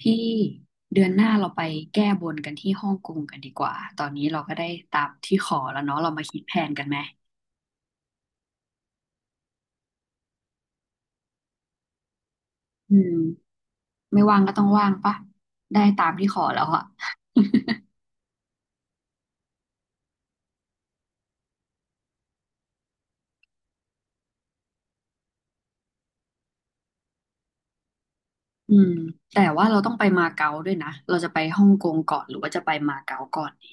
พี่เดือนหน้าเราไปแก้บนกันที่ฮ่องกงกันดีกว่าตอนนี้เราก็ได้ตามที่ขอแล้วเนาะเรามาคิดแผนกันไหมอืมไม่ว่างก็ต้องว่างปะได้ตามที่ขอแล้วอะ อืมแต่ว่าเราต้องไปมาเก๊าด้วยนะ เราจะไปฮ่องกงก่อนหรือว่าจะไปมาเก๊าก่อนดี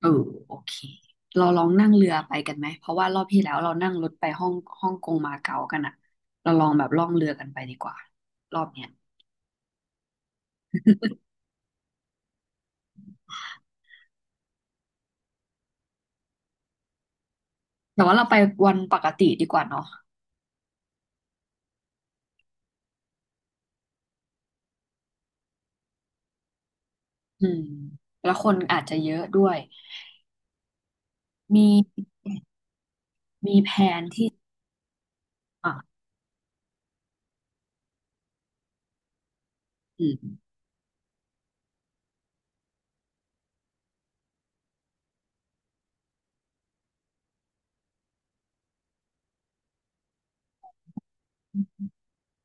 เออโอเค เราลองนั่งเรือไปกันไหม เพราะว่ารอบที่แล้วเรานั่งรถไปฮ่องฮ่องกงมาเก๊ากันอะเราลองแบบล่องเรือกันไปดีกว่ารอบเนี้ยแต่ว่าเราไปวันปกติดีกว่าเนาะ อืมแล้วคนอาจจะเยอะด้วยมีอ่ะอืม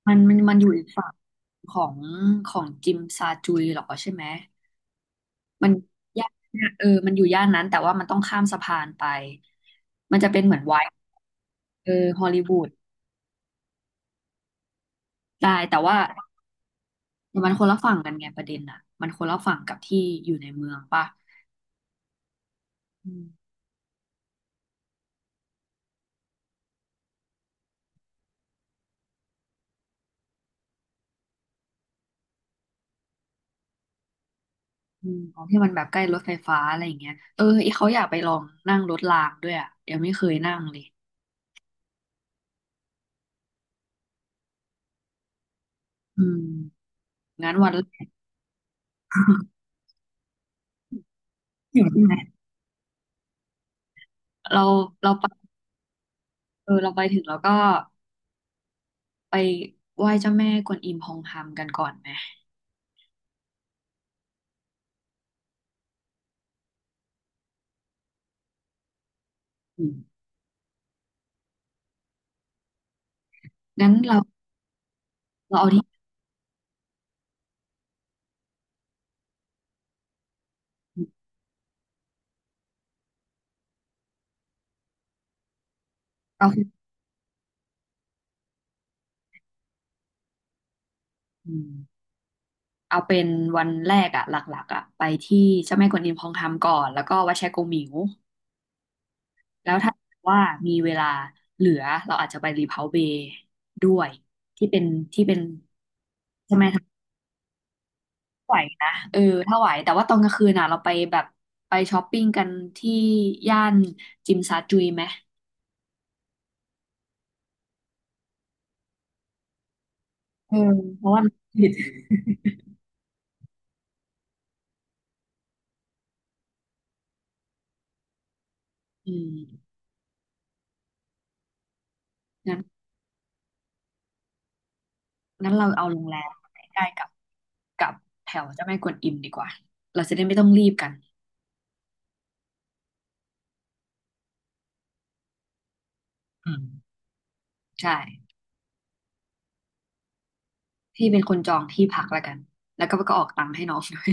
มันอยู่อีกฝั่งของของจิมซาจุยเหรอใช่ไหมมันย่านเออมันอยู่ย่านนั้นแต่ว่ามันต้องข้ามสะพานไปมันจะเป็นเหมือนไวท์เออฮอลลีวูดได้แต่ว่ามันคนละฝั่งกันไงประเด็นน่ะมันคนละฝั่งกับที่อยู่ในเมืองป่ะอืมอืมของที่มันแบบใกล้รถไฟฟ้าอะไรอย่างเงี้ยเอออีเขาอยากไปลองนั่งรถรางด้วยอ่ะยังไม่เคยนั่งเลยอืมงั้นวันแรก ถึงใช่ไหมเราเราไปเออเราไปถึงแล้วก็ไปไหว้เจ้าแม่กวนอิมพองฮามกันก่อนไหมอืมงั้นเราเอาที่เอาอืมเอาเป็นวันแรกอะหลักๆอะไปที่เจ้าแม่กวนอิมพองฮามก่อนแล้วก็วัดแชโกมิวแล้วถ้าว่ามีเวลาเหลือเราอาจจะไปรีเพาเบย์ด้วยที่เป็นที่เป็นใช่ไหมถ้าไหวนะเออถ้าไหวแต่ว่าตอนกลางคืนน่ะเราไปแบบไปช้อปปิ้งกันที่ย่านจิมซาจุยไหม เออเพราะว่าผิดอืมงั้นงั้นเราเอาโรงแรมใกล้ๆกับกับแถวเจ้าแม่กวนอิมดีกว่าเราจะได้ไม่ต้องรีบกันอืมใช่พี่เป็นคนจองที่พักแล้วกันแล้วก็ก็ออกตังค์ให้น้องด้วย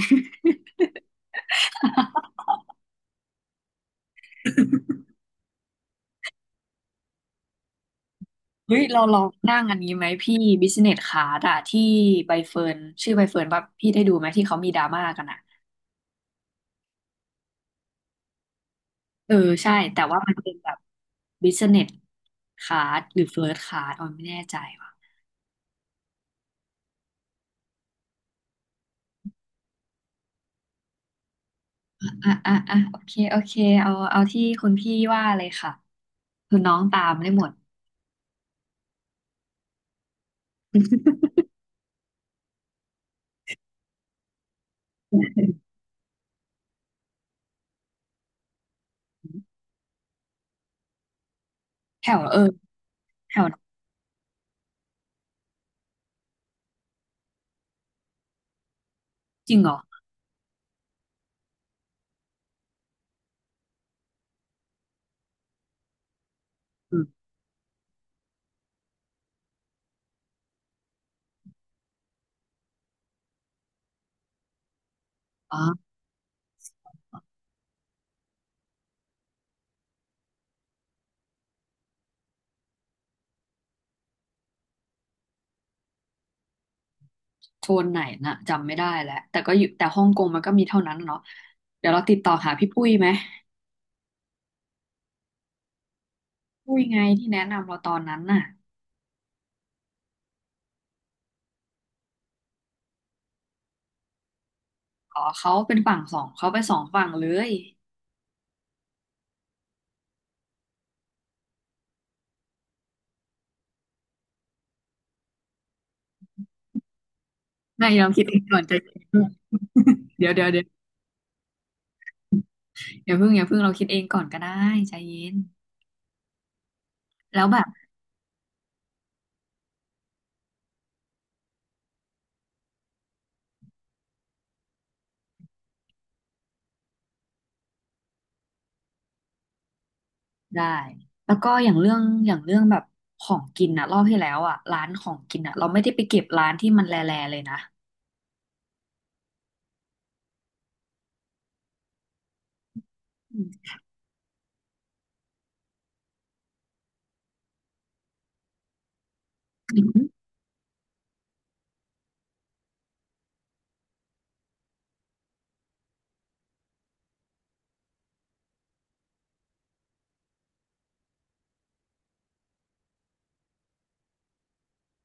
เฮ้ย เราลองนั่งอันนี้ไหมพี่บิสเนสคลาสอะที่ใบเฟิร์นชื่อใบเฟิร์นว่าพี่ได้ดูไหมที่เขามีดราม่ากันอะเออใช่แต่ว่ามันเป็นแบบบิสเนสคลาสหรือเฟิร์ c คลาสออนไม่แน่ใจว่ะ อ่ะอ่ะอ่ะโอเคโอเคเอาเอาที่คุณพี่ว่าเลยค่ะคือน้องตามได้หมด แถวเออแถวจริงเหรออืมอ๋อโซนไหนน่ะจำไม่ได้แล้วแต่ก็อยู่แต่ฮ่องกงมันก็มีเท่านั้นเนาะเดี๋ยวเราติดต่อหาพี่ปุ้ยไหมปุ้ยไงที่แนะนำเราตอนนั้นน่ะอ๋อเขาเป็นฝั่งสองเขาไปสองฝั่งเลยไม่เราคิดเองก่อนใจเย็น เดี๋ยวอย่าเพิ่งเราคิดเองก่อนก็ได้ใจเย็นแล้วแบบ ได้แล้วก็อย่างเรื่องอย่างเรื่องแบบของกินอะรอบที่แล้วอะร้านของกินอะเราไม่ได้ไปเก็บร้านที่มันแลแลเลยนะอืม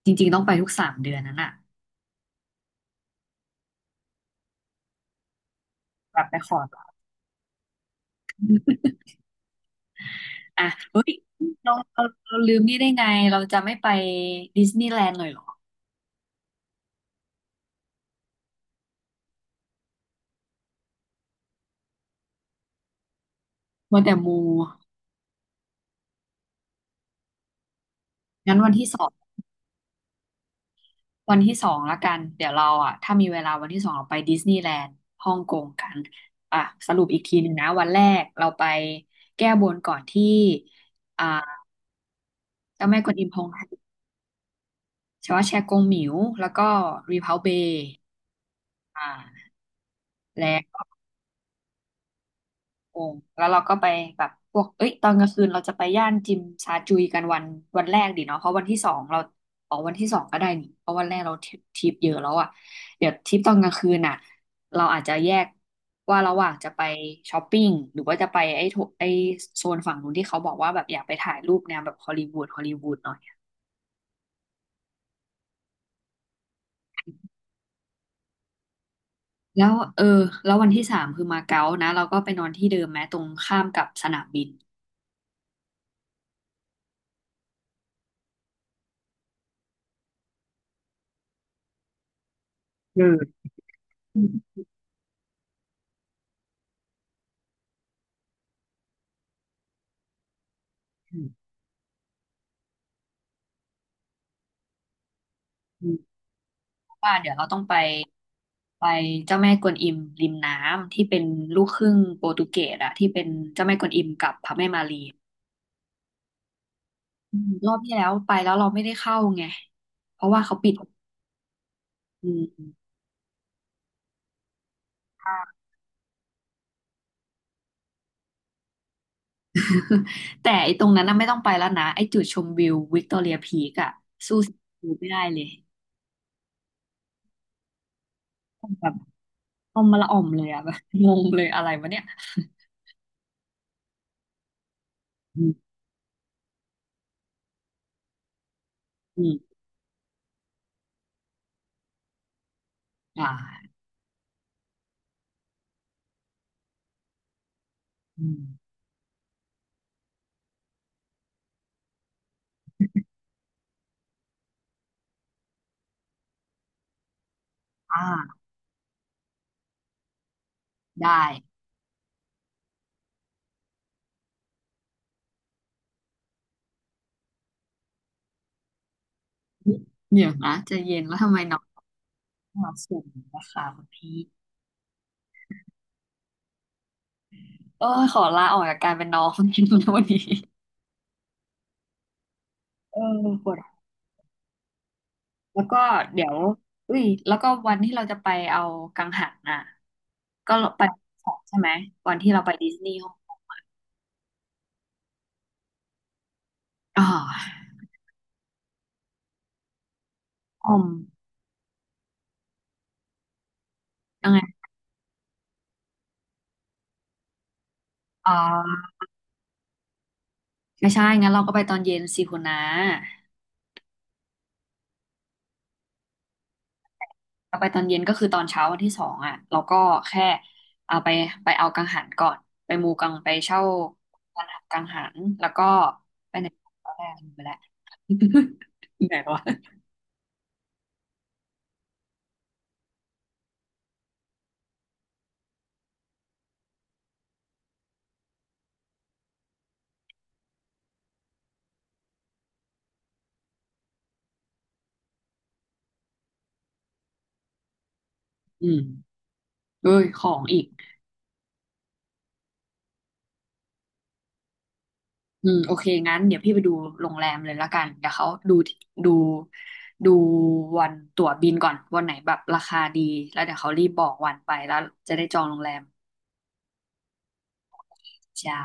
จริงๆต้องไปทุกสามเดือนนั้นอะแบบไปขอก่อนอะเฮ้ยเราลืมนี่ได้ไงเราจะไม่ไปดิสนีย์แลนด์เลยเหรอมัวแต่มูงั้นวันที่สองวันที่สองละกันเดี๋ยวเราอะถ้ามีเวลาวันที่สองเราไปดิสนีย์แลนด์ฮ่องกงกันอ่ะสรุปอีกทีหนึ่งนะวันแรกเราไปแก้บนก่อนที่อ่าเจ้าแม่กวนอิมพง ชาวาแชกงหมิวแล้วก็รีเพาเบย์อ่าแล้วก็กงแล้วเราก็ไปแบบพวกเอ้ยตอนกลางคืนเราจะไปย่านจิมซาจุยกันวันวันแรกดีเนาะเพราะวันที่สองเราออกวันที่สองก็ได้นี่เพราะวันแรกเราทริปเยอะแล้วอ่ะเดี๋ยวทริปตอนกลางคืนอ่ะเราอาจจะแยกว่าระหว่างจะไปช้อปปิ้งหรือว่าจะไปไอ้โถไอ้โซนฝั่งนู้นที่เขาบอกว่าแบบอยากไปถ่ายรูปแนวแบบฮอลลีวูดหน่อยแล้วเออแล้ววันที่สามคือมาเก๊านะเราก็ไปนอนที่เดิมแม้ตรงข้ามกับสนามบิน อืมอืมอืมอืมเพราะว่าเดี๋ยวเราต้องไปไปเจ้าแม่กวนอิมริมน้ำที่เป็นลูกครึ่งโปรตุเกสอะที่เป็นเจ้าแม่กวนอิมกับพระแม่มารีอืมรอบที่แล้วไปแล้วเราไม่ได้เข้าไงเพราะว่าเขาปิดอืม แต่ไอ้ตรงนั้นน่ะไม่ต้องไปแล้วนะไอ้จุดชมวิววิกตอเรียพีกอะสู้สีวิวไม่ได้เลยแบบออมมาละออมเลยอะ แบบงงเลยอะไรวะเนี่ยอืมอืมอ่าอืมอ่าได้ เนี่ยนะใจะเย็นแล้วทำไม มาสูงนะคะคุณพี่เออขอลาออกจากการเป็นน้อง คนนี้นะวันนี้เออปวดหัวแล้วก็เดี๋ยวอุ้ยแล้วก็วันที่เราจะไปเอากังหันน่ะก็ไปสองใช่ไหมวันที่เราไปดิสนีย์ฮ่องกงอ๋อออมยังไงอ๋อไม่ใช่งั้นเราก็ไปตอนเย็นสิคุณนะ เอาไปตอนเย็นก็คือตอนเช้าวันที่สองอ่ะเราก็แค่เอาไปไปเอากังหันก่อนไปมูกังไปเช่ากังหันแล้วก็ไปไหนก็ได้ลืมไปแล้ว ไหนวะอืมเอ้ยของอีกอืมโอเคงั้นเดี๋ยวพี่ไปดูโรงแรมเลยละกันเดี๋ยวเขาดูดูวันตั๋วบินก่อนวันไหนแบบราคาดีแล้วเดี๋ยวเขารีบบอกวันไปแล้วจะได้จองโรงแรมจ้า